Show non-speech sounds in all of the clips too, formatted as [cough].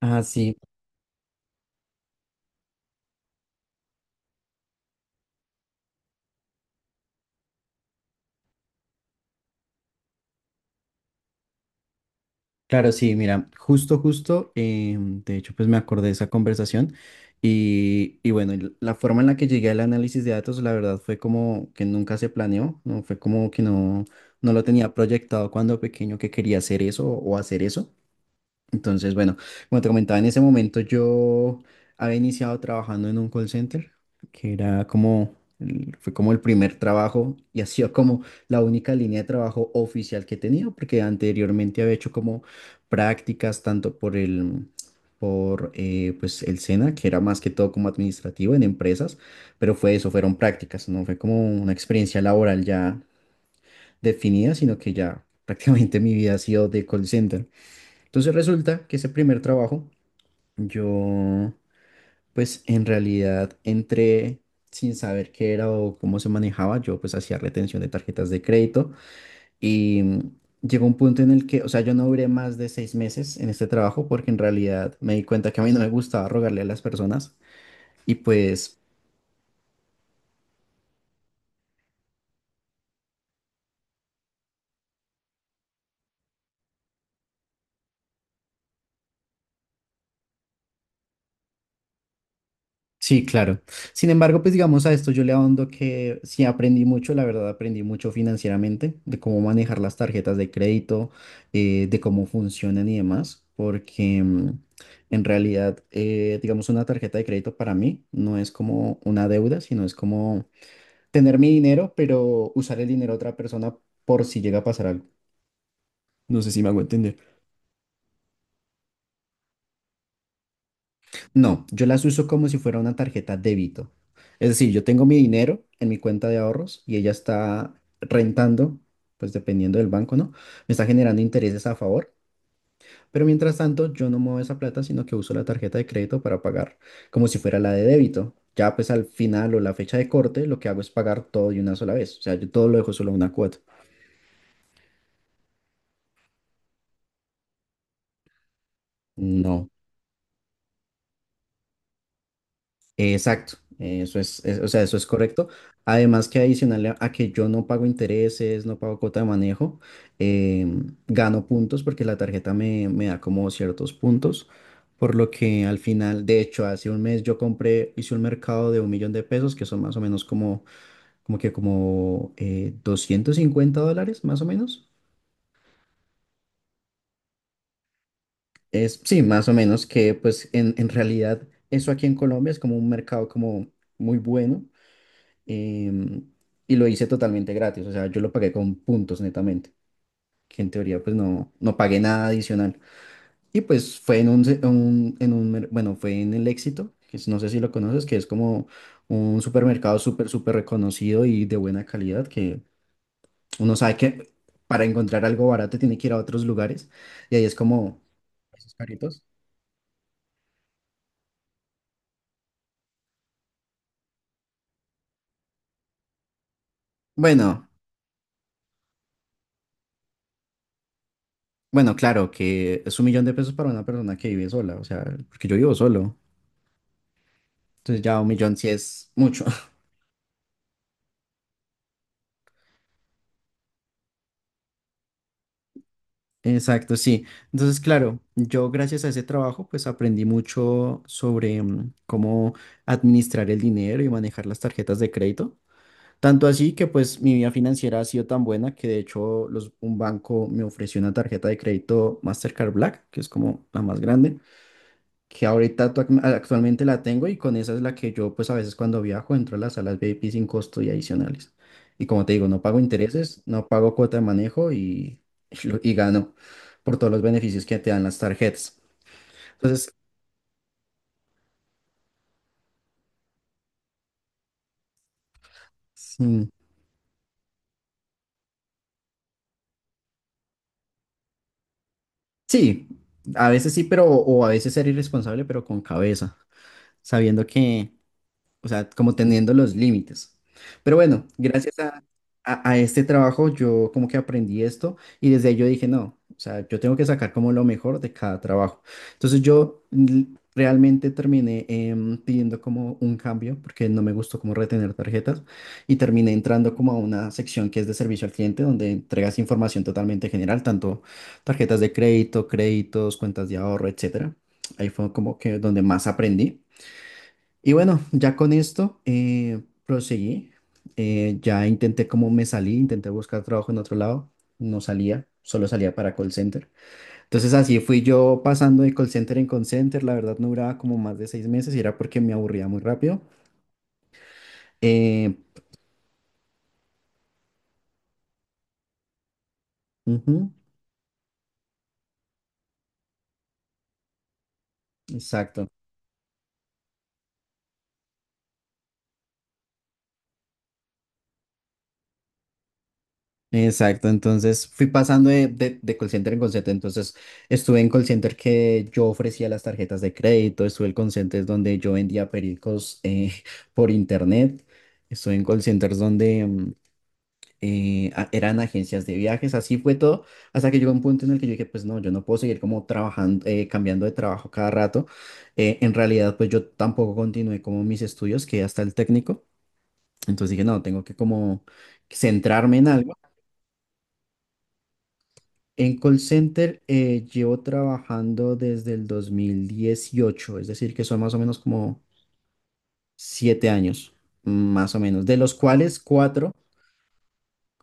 Ah, sí, claro, sí, mira, de hecho, pues me acordé de esa conversación y bueno, la forma en la que llegué al análisis de datos, la verdad, fue como que nunca se planeó, no fue como que no, no lo tenía proyectado cuando pequeño que quería hacer eso o hacer eso. Entonces, bueno, como te comentaba, en ese momento yo había iniciado trabajando en un call center, que era como, fue como el primer trabajo y ha sido como la única línea de trabajo oficial que tenía, porque anteriormente había hecho como prácticas tanto por el, por pues el SENA, que era más que todo como administrativo en empresas, pero fue eso, fueron prácticas, no fue como una experiencia laboral ya definida, sino que ya prácticamente mi vida ha sido de call center. Entonces resulta que ese primer trabajo, yo pues en realidad entré sin saber qué era o cómo se manejaba, yo pues hacía retención de tarjetas de crédito y llegó un punto en el que, o sea, yo no duré más de 6 meses en este trabajo porque en realidad me di cuenta que a mí no me gustaba rogarle a las personas y pues, sí, claro. Sin embargo, pues digamos a esto yo le ahondo que sí aprendí mucho, la verdad aprendí mucho financieramente, de cómo manejar las tarjetas de crédito, de cómo funcionan y demás, porque en realidad, digamos, una tarjeta de crédito para mí no es como una deuda, sino es como tener mi dinero, pero usar el dinero de otra persona por si llega a pasar algo. No sé si me hago entender. No, yo las uso como si fuera una tarjeta débito. Es decir, yo tengo mi dinero en mi cuenta de ahorros y ella está rentando, pues dependiendo del banco, ¿no? Me está generando intereses a favor, pero mientras tanto yo no muevo esa plata, sino que uso la tarjeta de crédito para pagar como si fuera la de débito. Ya pues al final o la fecha de corte, lo que hago es pagar todo de una sola vez. O sea, yo todo lo dejo solo en una cuota. No. Exacto, eso es, o sea, eso es correcto. Además que adicional a que yo no pago intereses, no pago cuota de manejo, gano puntos porque la tarjeta me, me da como ciertos puntos, por lo que al final, de hecho, hace un mes yo compré, hice un mercado de un millón de pesos, que son más o menos como 250 dólares, más o menos. Es, sí, más o menos que pues en realidad eso aquí en Colombia es como un mercado como muy bueno. em, y lo hice totalmente gratis, o sea, yo lo pagué con puntos netamente, que en teoría pues no, no pagué nada adicional. Y pues fue en un, se- un- en un, mer- bueno, fue en el Éxito, que no sé si lo conoces, que es como un supermercado súper, súper reconocido y de buena calidad, que uno sabe que para encontrar algo barato tiene que ir a otros lugares, y ahí es como... Esos caritos. Bueno, bueno, claro que es un millón de pesos para una persona que vive sola, o sea, porque yo vivo solo, entonces ya un millón sí es mucho. Exacto, sí. Entonces, claro, yo gracias a ese trabajo, pues aprendí mucho sobre cómo administrar el dinero y manejar las tarjetas de crédito. Tanto así que pues mi vida financiera ha sido tan buena que de hecho un banco me ofreció una tarjeta de crédito Mastercard Black, que es como la más grande que ahorita actualmente la tengo y con esa es la que yo pues a veces cuando viajo entro a las salas VIP sin costo y adicionales. Y como te digo, no pago intereses, no pago cuota de manejo y, [laughs] y, y gano por todos los beneficios que te dan las tarjetas. Entonces, mm, sí, a veces sí, pero o a veces ser irresponsable, pero con cabeza, sabiendo que, o sea, como teniendo los límites. Pero bueno, gracias a este trabajo yo como que aprendí esto y desde ahí yo dije, no, o sea, yo tengo que sacar como lo mejor de cada trabajo. Entonces yo realmente terminé, pidiendo como un cambio porque no me gustó como retener tarjetas y terminé entrando como a una sección que es de servicio al cliente donde entregas información totalmente general, tanto tarjetas de crédito, créditos, cuentas de ahorro, etcétera. Ahí fue como que donde más aprendí. Y bueno, ya con esto proseguí. Ya intenté como me salí, intenté buscar trabajo en otro lado. No salía, solo salía para call center. Entonces así fui yo pasando de call center en call center. La verdad no duraba como más de 6 meses y era porque me aburría muy rápido. Eh, ujú, exacto. Exacto, entonces fui pasando de call center en call center, entonces estuve en call center que yo ofrecía las tarjetas de crédito, estuve en call centers donde yo vendía pericos, [laughs] por internet, estuve en call centers donde eran agencias de viajes, así fue todo, hasta que llegó un punto en el que yo dije, pues no, yo no puedo seguir como trabajando, cambiando de trabajo cada rato. En realidad pues yo tampoco continué como mis estudios, que hasta el técnico, entonces dije, no, tengo que como centrarme en algo. En call center llevo trabajando desde el 2018, es decir, que son más o menos como 7 años, más o menos, de los cuales cuatro,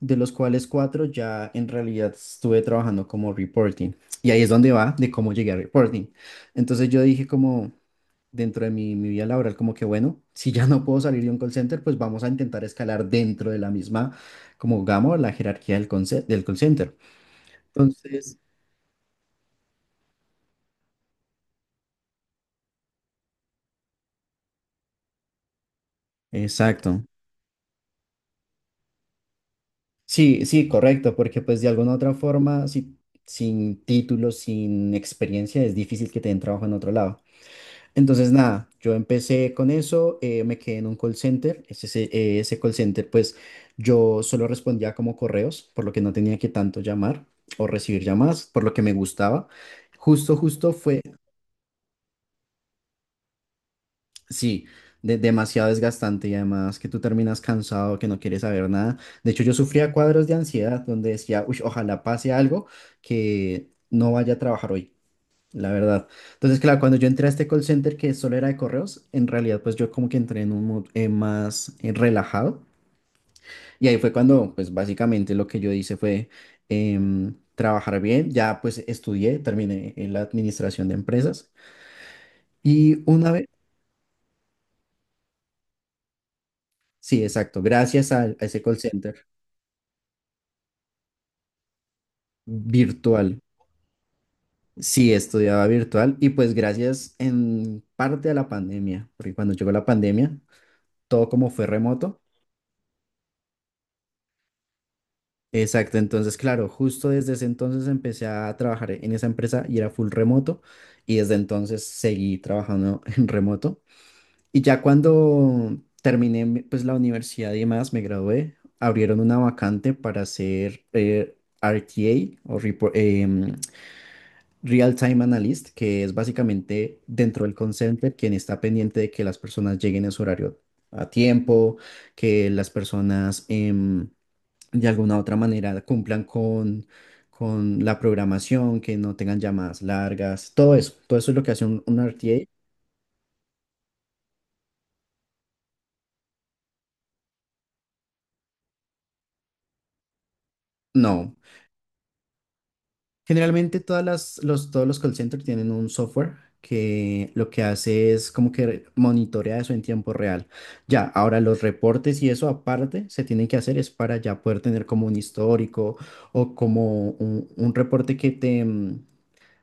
de los cuales cuatro ya en realidad estuve trabajando como reporting. Y ahí es donde va de cómo llegué a reporting. Entonces yo dije como dentro de mi vida laboral, como que bueno, si ya no puedo salir de un call center, pues vamos a intentar escalar dentro de la misma, como gama, la jerarquía del call center. Entonces, exacto. Sí, sí, correcto, porque pues de alguna otra forma, sin título, sin experiencia, es difícil que te den trabajo en otro lado. Entonces, nada, yo empecé con eso, me quedé en un call center, ese call center pues yo solo respondía como correos, por lo que no tenía que tanto llamar o recibir llamadas, por lo que me gustaba. Justo, justo fue. Sí, demasiado desgastante y además que tú terminas cansado, que no quieres saber nada. De hecho, yo sufría cuadros de ansiedad donde decía, uy, ojalá pase algo que no vaya a trabajar hoy, la verdad. Entonces, claro, cuando yo entré a este call center que solo era de correos, en realidad pues yo como que entré en un mood más relajado y ahí fue cuando pues básicamente lo que yo hice fue, trabajar bien, ya pues estudié, terminé en la administración de empresas y una vez, sí, exacto, gracias a ese call center. Virtual. Sí, estudiaba virtual y pues gracias en parte a la pandemia, porque cuando llegó la pandemia, todo como fue remoto. Exacto, entonces claro, justo desde ese entonces empecé a trabajar en esa empresa y era full remoto y desde entonces seguí trabajando [laughs] en remoto. Y ya cuando terminé pues la universidad y demás, me gradué, abrieron una vacante para ser, RTA o Real Time Analyst, que es básicamente dentro del call center quien está pendiente de que las personas lleguen a su horario a tiempo, que las personas, de alguna u otra manera cumplan con la programación, que no tengan llamadas largas, todo eso es lo que hace un RTA. No. Generalmente todas las, los, todos los call centers tienen un software que lo que hace es como que monitorea eso en tiempo real. Ya, ahora los reportes y eso aparte se tienen que hacer es para ya poder tener como un histórico o como un reporte que te, mm,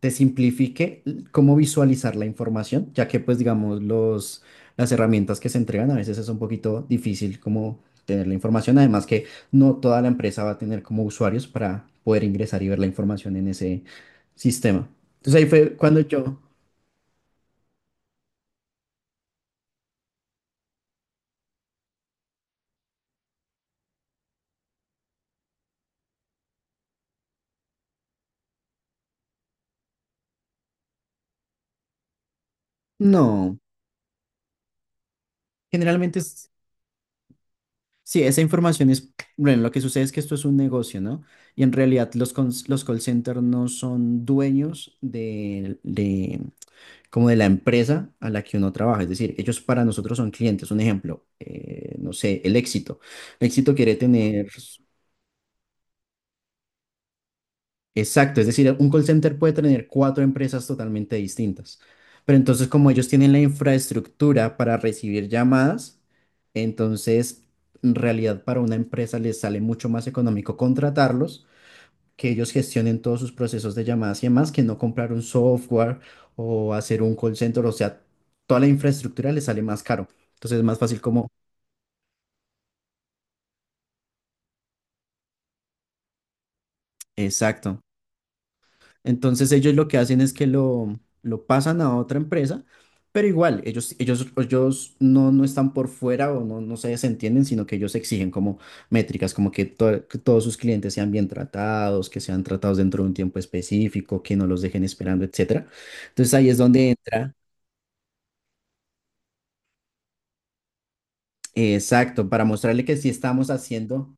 te simplifique cómo visualizar la información, ya que pues digamos los, las herramientas que se entregan a veces es un poquito difícil como tener la información, además que no toda la empresa va a tener como usuarios para poder ingresar y ver la información en ese sistema. Entonces ahí fue cuando yo, no, generalmente es, sí, esa información es, bueno, lo que sucede es que esto es un negocio, ¿no? Y en realidad los call centers no son dueños de, como de la empresa a la que uno trabaja. Es decir, ellos para nosotros son clientes. Un ejemplo, no sé, el Éxito. El Éxito quiere tener, exacto, es decir, un call center puede tener cuatro empresas totalmente distintas. Pero entonces, como ellos tienen la infraestructura para recibir llamadas, entonces, en realidad para una empresa les sale mucho más económico contratarlos que ellos gestionen todos sus procesos de llamadas y demás, que no comprar un software o hacer un call center, o sea, toda la infraestructura les sale más caro. Entonces es más fácil como, exacto. Entonces ellos lo que hacen es que lo pasan a otra empresa, pero igual, ellos no, no están por fuera o no, no se desentienden, sino que ellos exigen como métricas, como que, que todos sus clientes sean bien tratados, que sean tratados dentro de un tiempo específico, que no los dejen esperando, etcétera. Entonces ahí es donde entra. Exacto, para mostrarle que sí estamos haciendo,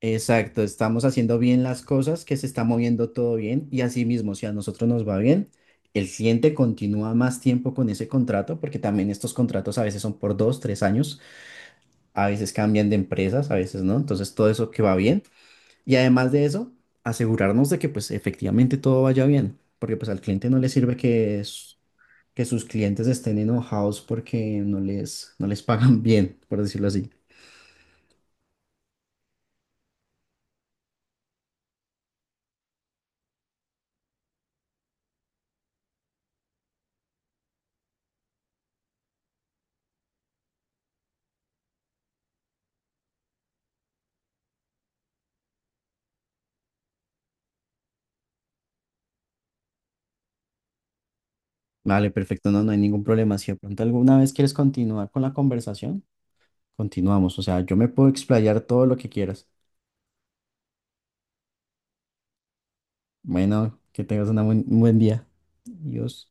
exacto, estamos haciendo bien las cosas, que se está moviendo todo bien y así mismo, si a nosotros nos va bien, el cliente continúa más tiempo con ese contrato, porque también estos contratos a veces son por dos, tres años, a veces cambian de empresas, a veces no, entonces todo eso que va bien y además de eso, asegurarnos de que pues efectivamente todo vaya bien, porque pues al cliente no le sirve que, que sus clientes estén enojados porque no les, no les pagan [laughs] bien, por decirlo así. Vale, perfecto, no, no hay ningún problema. Si de pronto alguna vez quieres continuar con la conversación, continuamos. O sea, yo me puedo explayar todo lo que quieras. Bueno, que tengas una un buen día. Dios.